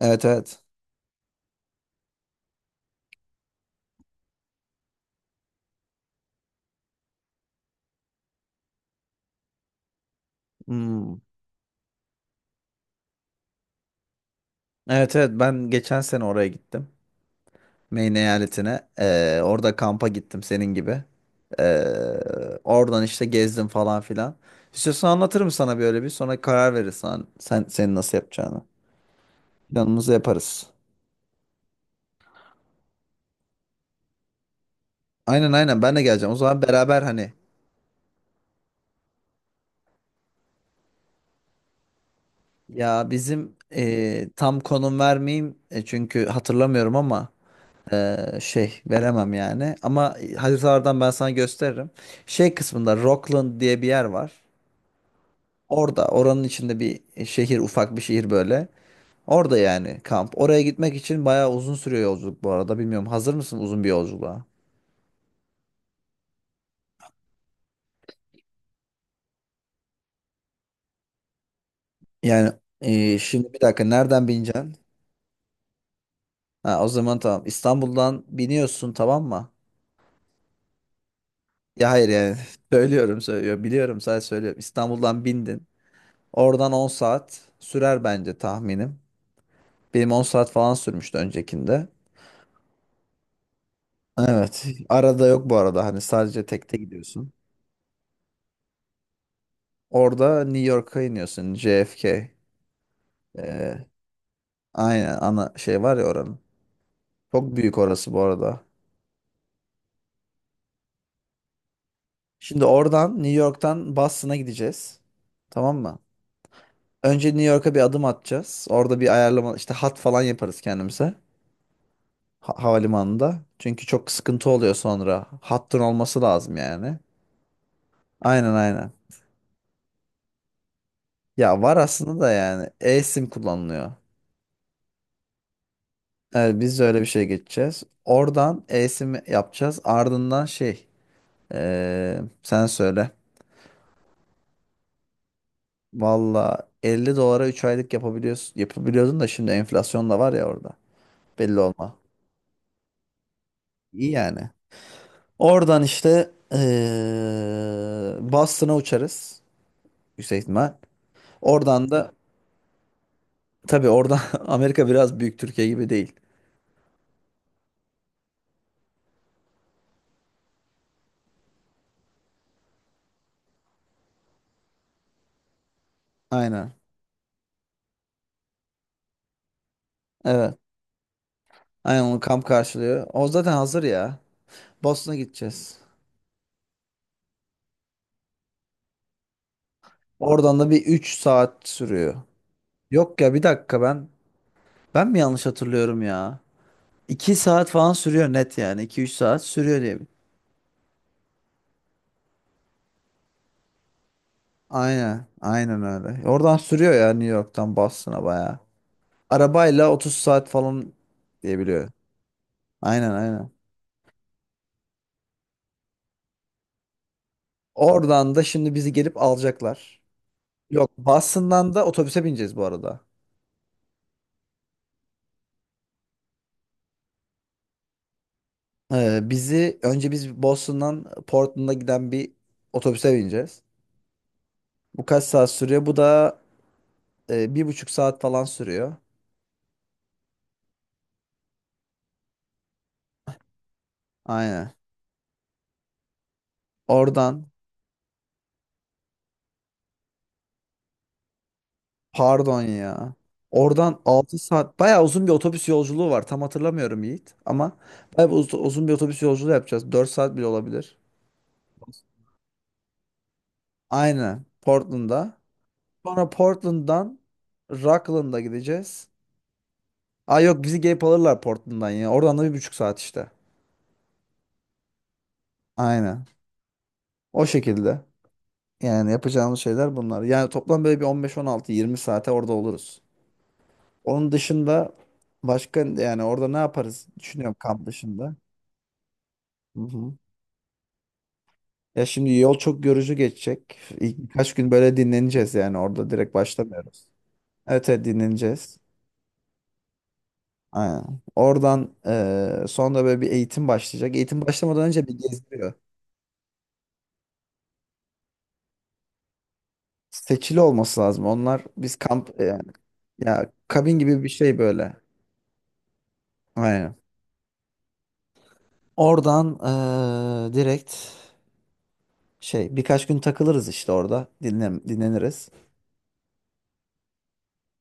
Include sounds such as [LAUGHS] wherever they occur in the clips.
Evet, evet. Hmm. Evet, evet, ben geçen sene oraya gittim. Maine eyaletine. Orada kampa gittim senin gibi. Ee, oradan işte gezdim falan filan. İstiyorsan anlatırım sana böyle bir sonra karar verirsen sen senin nasıl yapacağını. Planımızı yaparız. Aynen, aynen, ben de geleceğim. O zaman beraber hani ya bizim tam konum vermeyeyim çünkü hatırlamıyorum ama şey veremem yani. Ama haritalardan ben sana gösteririm. Şey kısmında Rockland diye bir yer var. Orada oranın içinde bir şehir ufak bir şehir böyle. Orada yani kamp. Oraya gitmek için bayağı uzun sürüyor yolculuk bu arada. Bilmiyorum hazır mısın uzun bir yolculuğa? Yani şimdi bir dakika nereden bineceksin? Ha, o zaman tamam İstanbul'dan biniyorsun tamam mı? Ya hayır yani [LAUGHS] söylüyorum söylüyorum biliyorum sadece söylüyorum. İstanbul'dan bindin. Oradan 10 saat sürer bence tahminim. Benim 10 saat falan sürmüştü öncekinde. Evet, arada yok bu arada, hani sadece tekte gidiyorsun. Orada New York'a iniyorsun JFK. Ee, aynen ana şey var ya oranın. Çok büyük orası bu arada. Şimdi oradan New York'tan Boston'a gideceğiz. Tamam mı? Önce New York'a bir adım atacağız. Orada bir ayarlama işte hat falan yaparız kendimize. Havalimanında. Çünkü çok sıkıntı oluyor sonra. Hattın olması lazım yani. Aynen, aynen. Ya var aslında da yani eSIM kullanılıyor. Evet, biz de öyle bir şey geçeceğiz. Oradan eSIM yapacağız. Ardından şey sen söyle. Valla 50 dolara 3 aylık yapabiliyorsun, yapabiliyordun da şimdi enflasyon da var ya orada. Belli olma. İyi yani. Oradan işte Boston'a uçarız. Yüksek ihtimal. Oradan da tabii oradan [LAUGHS] Amerika biraz büyük, Türkiye gibi değil. Aynen. Evet. Aynen, onu kamp karşılıyor. O zaten hazır ya. Boston'a gideceğiz. Oradan da bir 3 saat sürüyor. Yok ya bir dakika, ben mi yanlış hatırlıyorum ya? 2 saat falan sürüyor net yani. 2-3 saat sürüyor diye. Aynen. Aynen öyle. Oradan sürüyor ya, New York'tan Boston'a bayağı. Arabayla 30 saat falan diye biliyorum. Aynen, aynen. Oradan da şimdi bizi gelip alacaklar. Yok, Boston'dan da otobüse bineceğiz bu arada. Bizi önce biz Boston'dan Portland'a giden bir otobüse bineceğiz. Bu kaç saat sürüyor? Bu da 1,5 saat falan sürüyor. Aynen. Oradan Pardon ya. Oradan 6 saat bayağı uzun bir otobüs yolculuğu var. Tam hatırlamıyorum Yiğit ama bayağı bir uzun bir otobüs yolculuğu yapacağız. 4 saat bile olabilir. Aynen. Portland'a. Sonra Portland'dan Rockland'a gideceğiz. Aa, yok, bizi gelip alırlar Portland'dan ya. Oradan da 1,5 saat işte. Aynen. O şekilde. Yani yapacağımız şeyler bunlar. Yani toplam böyle bir 15-16-20 saate orada oluruz. Onun dışında başka yani orada ne yaparız düşünüyorum kamp dışında. Hı hı. Ya şimdi yol çok yorucu geçecek. İlk birkaç gün böyle dinleneceğiz, yani orada direkt başlamıyoruz. Evet, evet, dinleneceğiz. Aynen. Oradan sonra böyle bir eğitim başlayacak. Eğitim başlamadan önce bir gezdiriyor. Seçili olması lazım. Onlar biz kamp yani ya kabin gibi bir şey böyle. Aynen. Oradan direkt şey birkaç gün takılırız işte orada dinleniriz.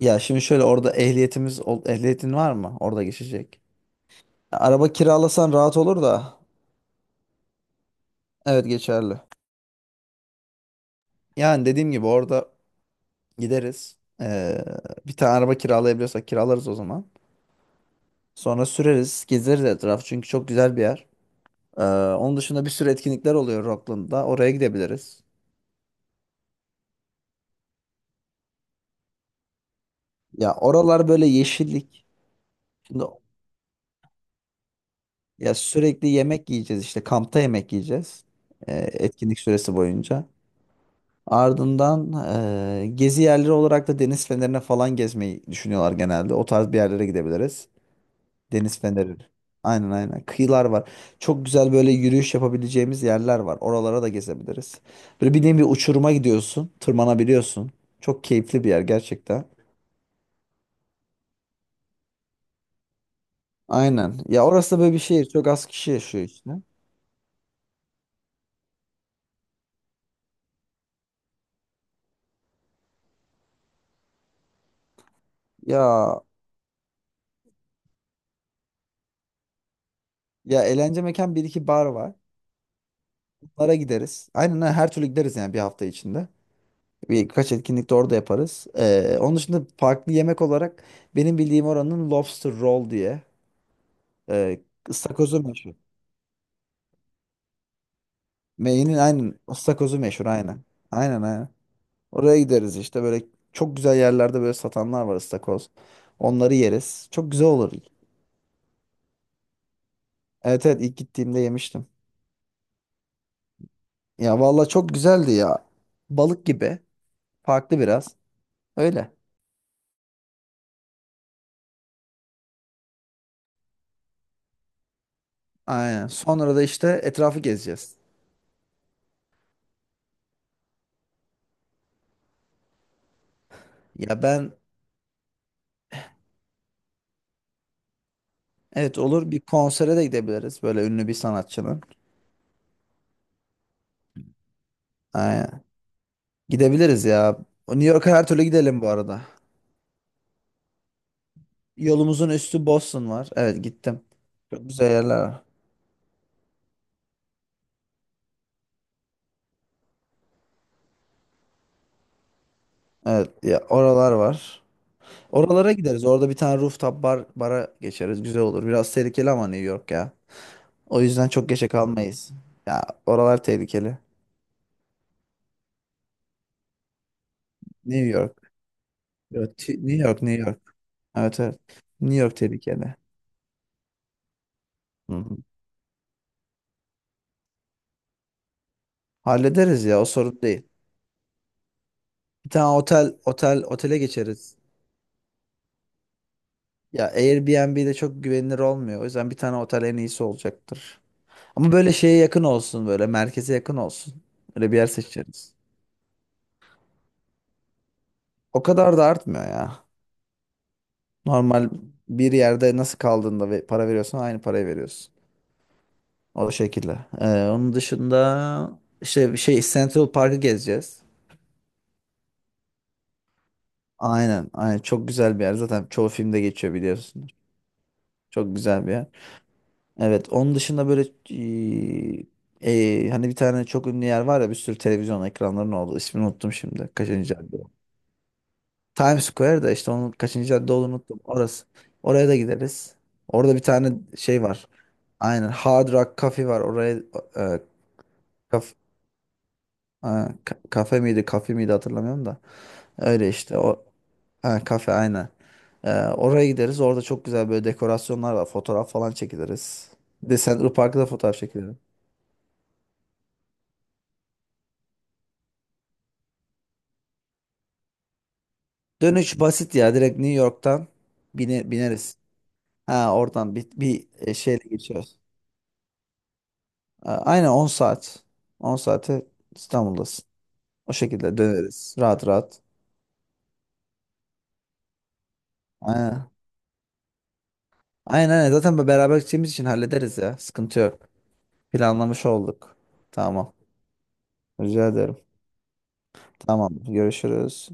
Ya şimdi şöyle orada ehliyetin var mı? Orada geçecek. Araba kiralasan rahat olur da evet geçerli. Yani dediğim gibi orada gideriz. Bir tane araba kiralayabiliyorsak kiralarız o zaman. Sonra süreriz, gezeriz etraf, çünkü çok güzel bir yer. Ee, onun dışında bir sürü etkinlikler oluyor Rockland'da. Oraya gidebiliriz. Ya oralar böyle yeşillik. Şimdi ya sürekli yemek yiyeceğiz, işte kampta yemek yiyeceğiz. Etkinlik süresi boyunca. Ardından gezi yerleri olarak da deniz fenerine falan gezmeyi düşünüyorlar genelde. O tarz bir yerlere gidebiliriz. Deniz feneri. Aynen, aynen. Kıyılar var. Çok güzel böyle yürüyüş yapabileceğimiz yerler var. Oralara da gezebiliriz. Böyle bir nevi uçuruma gidiyorsun. Tırmanabiliyorsun. Çok keyifli bir yer gerçekten. Aynen. Ya orası da böyle bir şehir. Çok az kişi yaşıyor işte. Ya ya eğlence mekan bir iki bar var. Bunlara gideriz. Aynen, aynen. Her türlü gideriz yani bir hafta içinde. Birkaç etkinlik de orada yaparız. Onun dışında farklı yemek olarak benim bildiğim oranın lobster roll diye e, ıstakozu meşhur. Meyinin aynen. Istakozu meşhur aynen. Aynen, aynen. Oraya gideriz işte böyle çok güzel yerlerde böyle satanlar var ıstakoz. Onları yeriz. Çok güzel olur. Evet, evet, ilk gittiğimde yemiştim. Ya valla çok güzeldi ya. Balık gibi. Farklı biraz. Öyle. Aynen. Sonra da işte etrafı gezeceğiz. Ya ben, evet, olur, bir konsere de gidebiliriz. Böyle ünlü bir sanatçının. Aynen. Gidebiliriz ya. O, New York'a her türlü gidelim bu arada. Yolumuzun üstü Boston var. Evet gittim. Çok güzel yerler var. Evet, ya oralar var. Oralara gideriz. Orada bir tane rooftop bara geçeriz. Güzel olur. Biraz tehlikeli ama New York ya. O yüzden çok geçe kalmayız. Ya, oralar tehlikeli. New York. Yo, New York, New York. Evet, evet. New York tehlikeli. Hı hı. Hallederiz ya, o sorun değil. Bir tane otele geçeriz. Ya Airbnb'de çok güvenilir olmuyor. O yüzden bir tane otel en iyisi olacaktır. Ama böyle şeye yakın olsun, böyle merkeze yakın olsun. Öyle bir yer seçeriz. O kadar da artmıyor ya. Normal bir yerde nasıl kaldığında ve para veriyorsan aynı parayı veriyorsun. O şekilde. Onun dışında işte bir şey Central Park'ı gezeceğiz. Aynen, aynen, çok güzel bir yer. Zaten çoğu filmde geçiyor, biliyorsunuz. Çok güzel bir yer. Evet, onun dışında böyle e, hani bir tane çok ünlü yer var ya, bir sürü televizyon ekranlarının olduğu. İsmini unuttum şimdi. Kaçıncı cadde? Times Square da işte, onun kaçıncı cadde olduğunu unuttum. Orası. Oraya da gideriz. Orada bir tane şey var. Aynen, Hard Rock Cafe var. Oraya e, kaf, e, kafe miydi, kafe miydi, hatırlamıyorum da. Öyle işte o, ha, kafe aynen. Oraya gideriz. Orada çok güzel böyle dekorasyonlar var. Fotoğraf falan çekiliriz. Bir de Central Park'ta da fotoğraf çekilirim. Dönüş basit ya. Direkt New York'tan bineriz. Ha, oradan bir şeyle geçiyoruz. Aynen 10 saat. 10 saate İstanbul'dasın. O şekilde döneriz. Rahat rahat. Aynen. Aynen, aynen. Zaten beraber gideceğimiz için hallederiz ya. Sıkıntı yok. Planlamış olduk. Tamam. Rica ederim. Tamam. Görüşürüz.